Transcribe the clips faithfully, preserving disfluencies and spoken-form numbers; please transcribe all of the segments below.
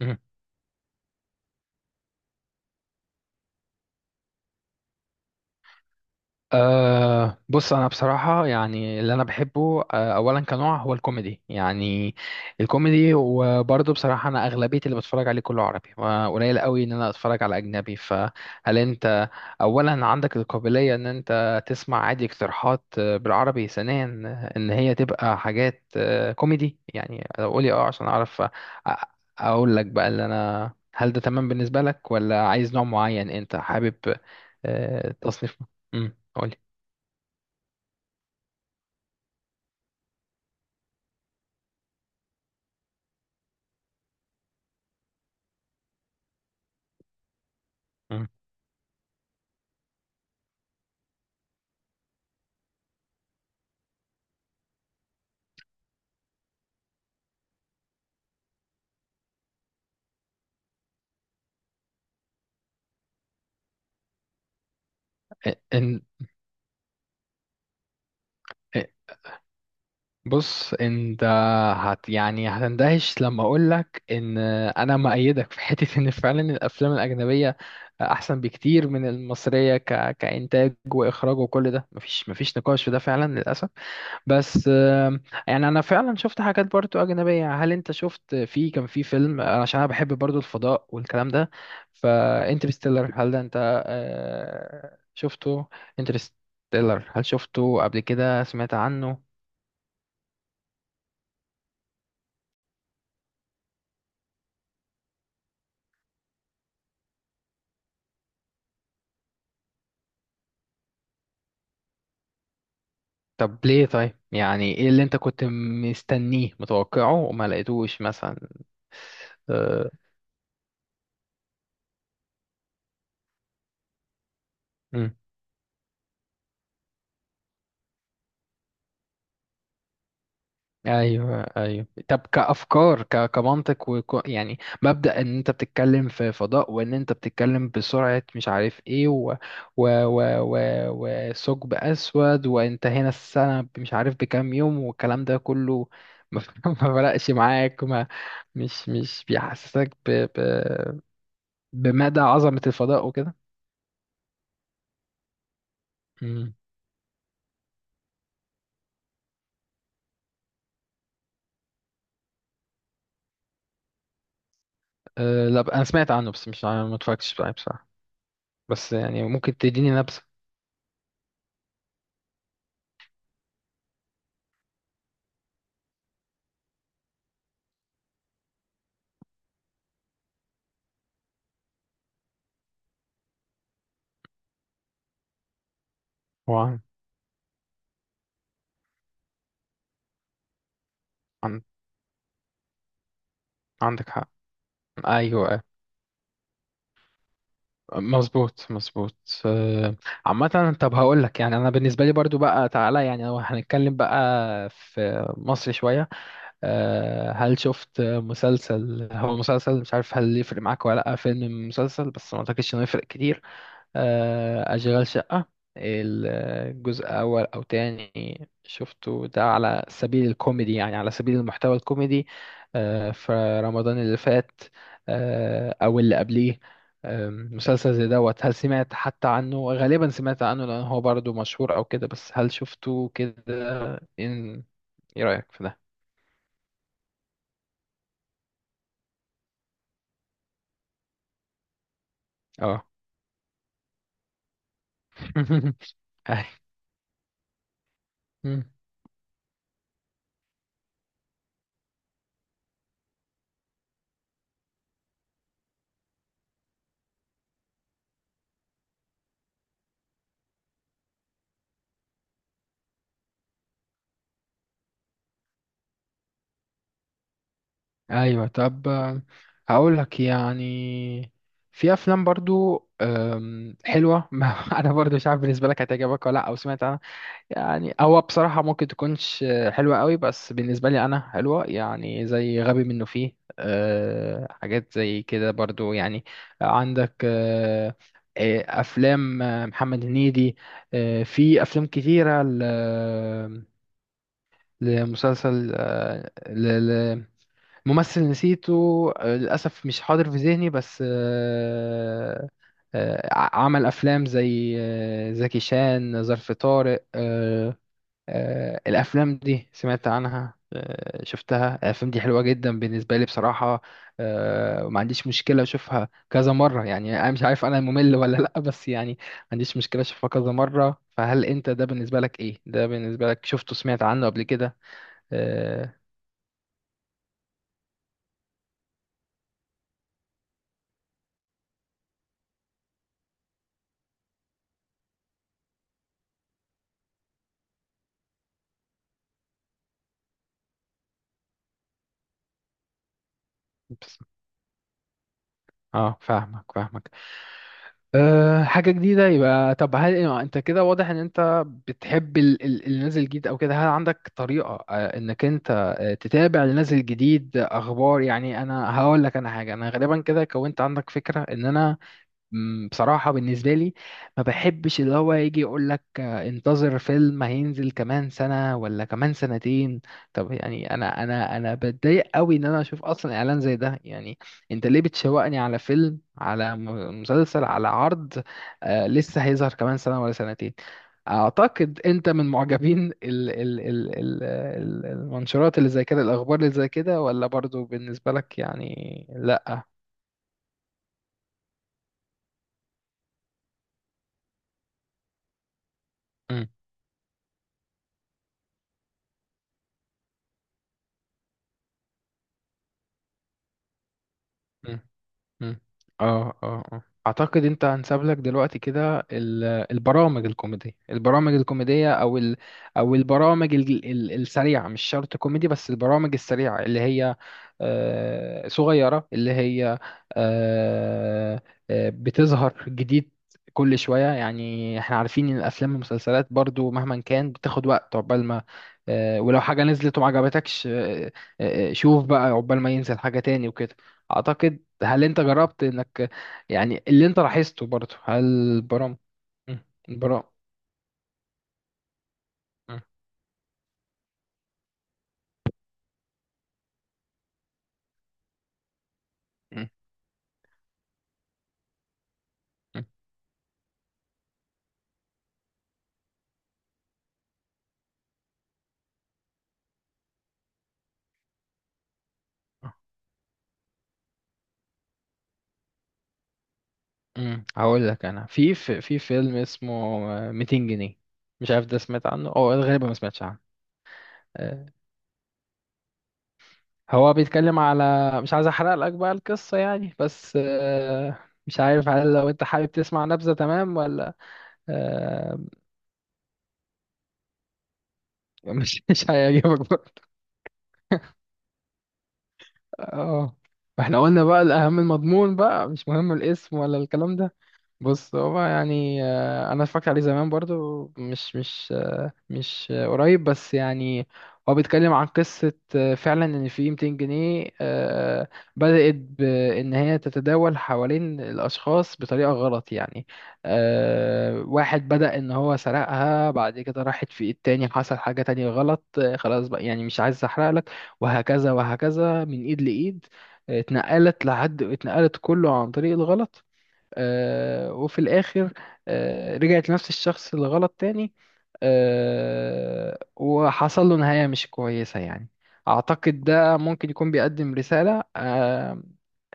مم. أه بص انا بصراحه يعني اللي انا بحبه، أه اولا كنوع، هو الكوميدي يعني. الكوميدي، وبرضه بصراحه انا اغلبيه اللي بتفرج عليه كله عربي، وقليل قوي ان انا اتفرج على اجنبي. فهل انت اولا عندك القابليه ان انت تسمع عادي اقتراحات آه، بالعربي؟ ثانيا ان هي تبقى حاجات آه، كوميدي. يعني لو قولي اه عشان اعرف أ- اقول لك بقى اللي انا، هل ده تمام بالنسبه لك، ولا عايز نوع معين انت حابب آه، تصنيف؟ امم قولي. مم. ان إن- بص انت هت يعني هتندهش لما اقول لك ان انا مؤيدك في حته ان فعلا الافلام الاجنبيه احسن بكتير من المصريه، ك... كانتاج واخراج وكل ده. مفيش مفيش نقاش في ده فعلا للاسف. بس آم، يعني انا فعلا شفت حاجات برضو اجنبيه. هل انت شفت، في كان في فيلم، عشان انا بحب برضو الفضاء والكلام ده، فانترستيلر، هل ده انت آه، شفته؟ انترستيلر، هل شفته قبل كده؟ سمعت عنه؟ طب ليه طيب؟ يعني ايه اللي انت كنت مستنيه متوقعه وما لقيتوش مثلا؟ ايوه ايوه. طب كافكار، ك... كمنطق، وك... يعني مبدا ان انت بتتكلم في فضاء، وان انت بتتكلم بسرعه مش عارف ايه، و... و... و... و... وثقب اسود، وانت هنا السنه مش عارف بكام يوم، والكلام ده كله، ما ما فرقش معاك؟ ما مش مش بيحسسك ب... ب... بمدى عظمه الفضاء وكده؟ امم أه لا، ب- انا سمعت عنه بس مش عارف- ما اتفرجتش عليه بصراحه. بس يعني ممكن تديني نبذه؟ هو عن... عن- عندك حق. ايوه. مظبوط مظبوط آه، عامة طب هقول لك. يعني انا بالنسبة لي برضو بقى، تعالى يعني لو هنتكلم بقى في مصر شوية، آه، هل شفت مسلسل؟ هو مسلسل، مش عارف هل يفرق معاك ولا لا، فيلم مسلسل، بس ما اعتقدش انه يفرق كتير. آه، أشغال شقة، الجزء أول أو تاني، شفته ده؟ على سبيل الكوميدي، يعني على سبيل المحتوى الكوميدي. آه، في رمضان اللي فات، آه، أو اللي قبليه. آم، مسلسل زي دوت، هل سمعت حتى عنه؟ غالبا سمعت عنه لأن هو برضه مشهور أو كده، بس هل شفته كده؟ إن إيه رأيك في ده؟ اه. أي. ايوه. طب آه، هقول لك يعني في افلام برضو آم، حلوه. ما انا برضو مش عارف بالنسبه لك هتعجبك ولا لا، او سمعت عنها. يعني هو بصراحه ممكن تكونش آه، حلوه قوي، بس بالنسبه لي انا حلوه. يعني زي غبي منه، فيه آه، حاجات زي كده برضو يعني. عندك آه، آه، افلام آه، محمد هنيدي. آه، في افلام كتيره ل- آه، لمسلسل، آه، ل- ممثل نسيته آه، للأسف، مش حاضر في ذهني. بس آه، آه، عمل أفلام زي آه، زكي شان، ظرف طارق آه، آه، الأفلام دي سمعت عنها؟ آه، شفتها؟ الأفلام دي حلوة جدا بالنسبة لي بصراحة. آه، وما عنديش مشكلة أشوفها كذا مرة. يعني أنا مش عارف أنا ممل ولا لأ، بس يعني ما عنديش مشكلة أشوفها كذا مرة. فهل أنت، ده بالنسبة لك إيه؟ ده بالنسبة لك شفته، سمعت عنه قبل كده؟ آه، بس- اه فاهمك فاهمك أه حاجة جديدة، يبقى طب. هل انت كده واضح ان انت بتحب ال- ال- اللي نازل جديد او كده؟ هل عندك طريقة أه انك انت أه تتابع اللي نازل جديد، آه، اخبار يعني؟ انا هقول لك انا حاجة، انا غالبا كده كونت عندك فكرة ان انا مم، بصراحة بالنسبة لي ما بحبش اللي هو يجي يقول لك آه، انتظر فيلم هينزل كمان سنة ولا كمان سنتين. طب يعني انا انا انا بتضايق قوي ان انا اشوف اصلا اعلان زي ده يعني. انت ليه بتشوقني على فيلم، على م- مسلسل، على عرض آه لسه هيظهر كمان سنة ولا سنتين؟ اعتقد انت من معجبين ال ال ال ال ال- المنشورات اللي زي كده، الاخبار اللي زي كده، ولا برضو بالنسبة لك يعني لا؟ مم، مم. مم. اه اه اه اعتقد انت هنساب لك دلوقتي كده ال- البرامج الكوميدية. البرامج الكوميدية او ال او البرامج ال- ال- السريعة، مش شرط كوميدي، بس البرامج السريعة اللي هي آه، صغيرة، اللي هي آه، آه، بتظهر جديد كل شوية. يعني احنا عارفين ان الافلام والمسلسلات برضو مهما كان بتاخد وقت عقبال ما آه، ولو حاجة نزلت وما عجبتكش، آه، آه، آه، شوف بقى عقبال ما ينزل حاجة تاني وكده. اعتقد، هل انت جربت انك يعني اللي انت لاحظته برضه، هل البرام مم. البرام مم. مم. مم. مم. هقول لك انا، في في في فيلم اسمه ميتين جنيه، مش عارف ده سمعت عنه او غالبا ما سمعتش عنه؟ آه، هو بيتكلم على، مش عايز احرق لك بقى القصة يعني، بس آه، مش عارف هل لو انت حابب تسمع نبذة؟ تمام ولا؟ آه، مش مش هيعجبك برضه. اه. احنا قلنا بقى الاهم المضمون، بقى مش مهم الاسم ولا الكلام ده. بص هو يعني آه، انا اتفرجت عليه زمان برضو، مش مش آه، مش آه، قريب، بس يعني هو بيتكلم عن قصة آه، فعلا ان في مئتين جنيه آه، بدأت بان هي تتداول حوالين الاشخاص بطريقة غلط يعني. آه، واحد بدأ ان هو سرقها، بعد كده راحت في ايد تاني، حصل حاجة تانية غلط آه، خلاص بقى يعني، مش عايز احرق لك. وهكذا وهكذا، من ايد لايد آه، اتنقلت، لحد اتنقلت كله عن طريق الغلط، آه، وفي الآخر آه، رجعت لنفس الشخص اللي غلط تاني، آه، وحصل له نهاية مش كويسة يعني. أعتقد ده ممكن يكون بيقدم رسالة آه،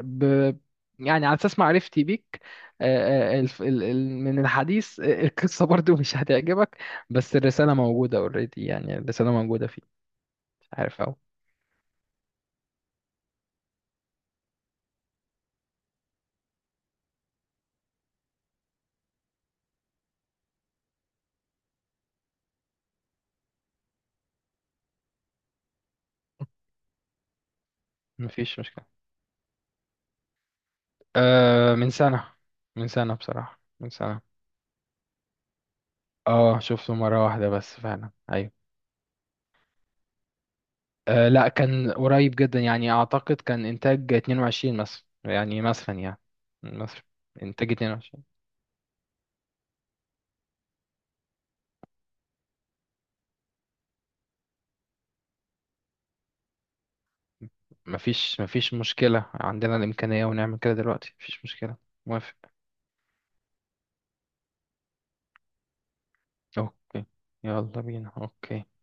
ب يعني على أساس معرفتي بيك آه، آه، الف- ال- ال- من الحديث آه، القصة برضو مش هتعجبك، بس الرسالة موجودة اوريدي. يعني الرسالة موجودة فيه. عارف أهو. مفيش مشكلة. آه، من سنة. من سنة بصراحة، من سنة. اه شفته مرة واحدة بس فعلا، أيوة. آه لا كان قريب جدا، يعني اعتقد كان انتاج اتنين وعشرين مثلا يعني، مثلا يعني مثلا انتاج اتنين وعشرين. مفيش مفيش مشكلة، عندنا الإمكانية ونعمل كده دلوقتي، مفيش مشكلة. موافق. اوكي. يلا بينا. اوكي.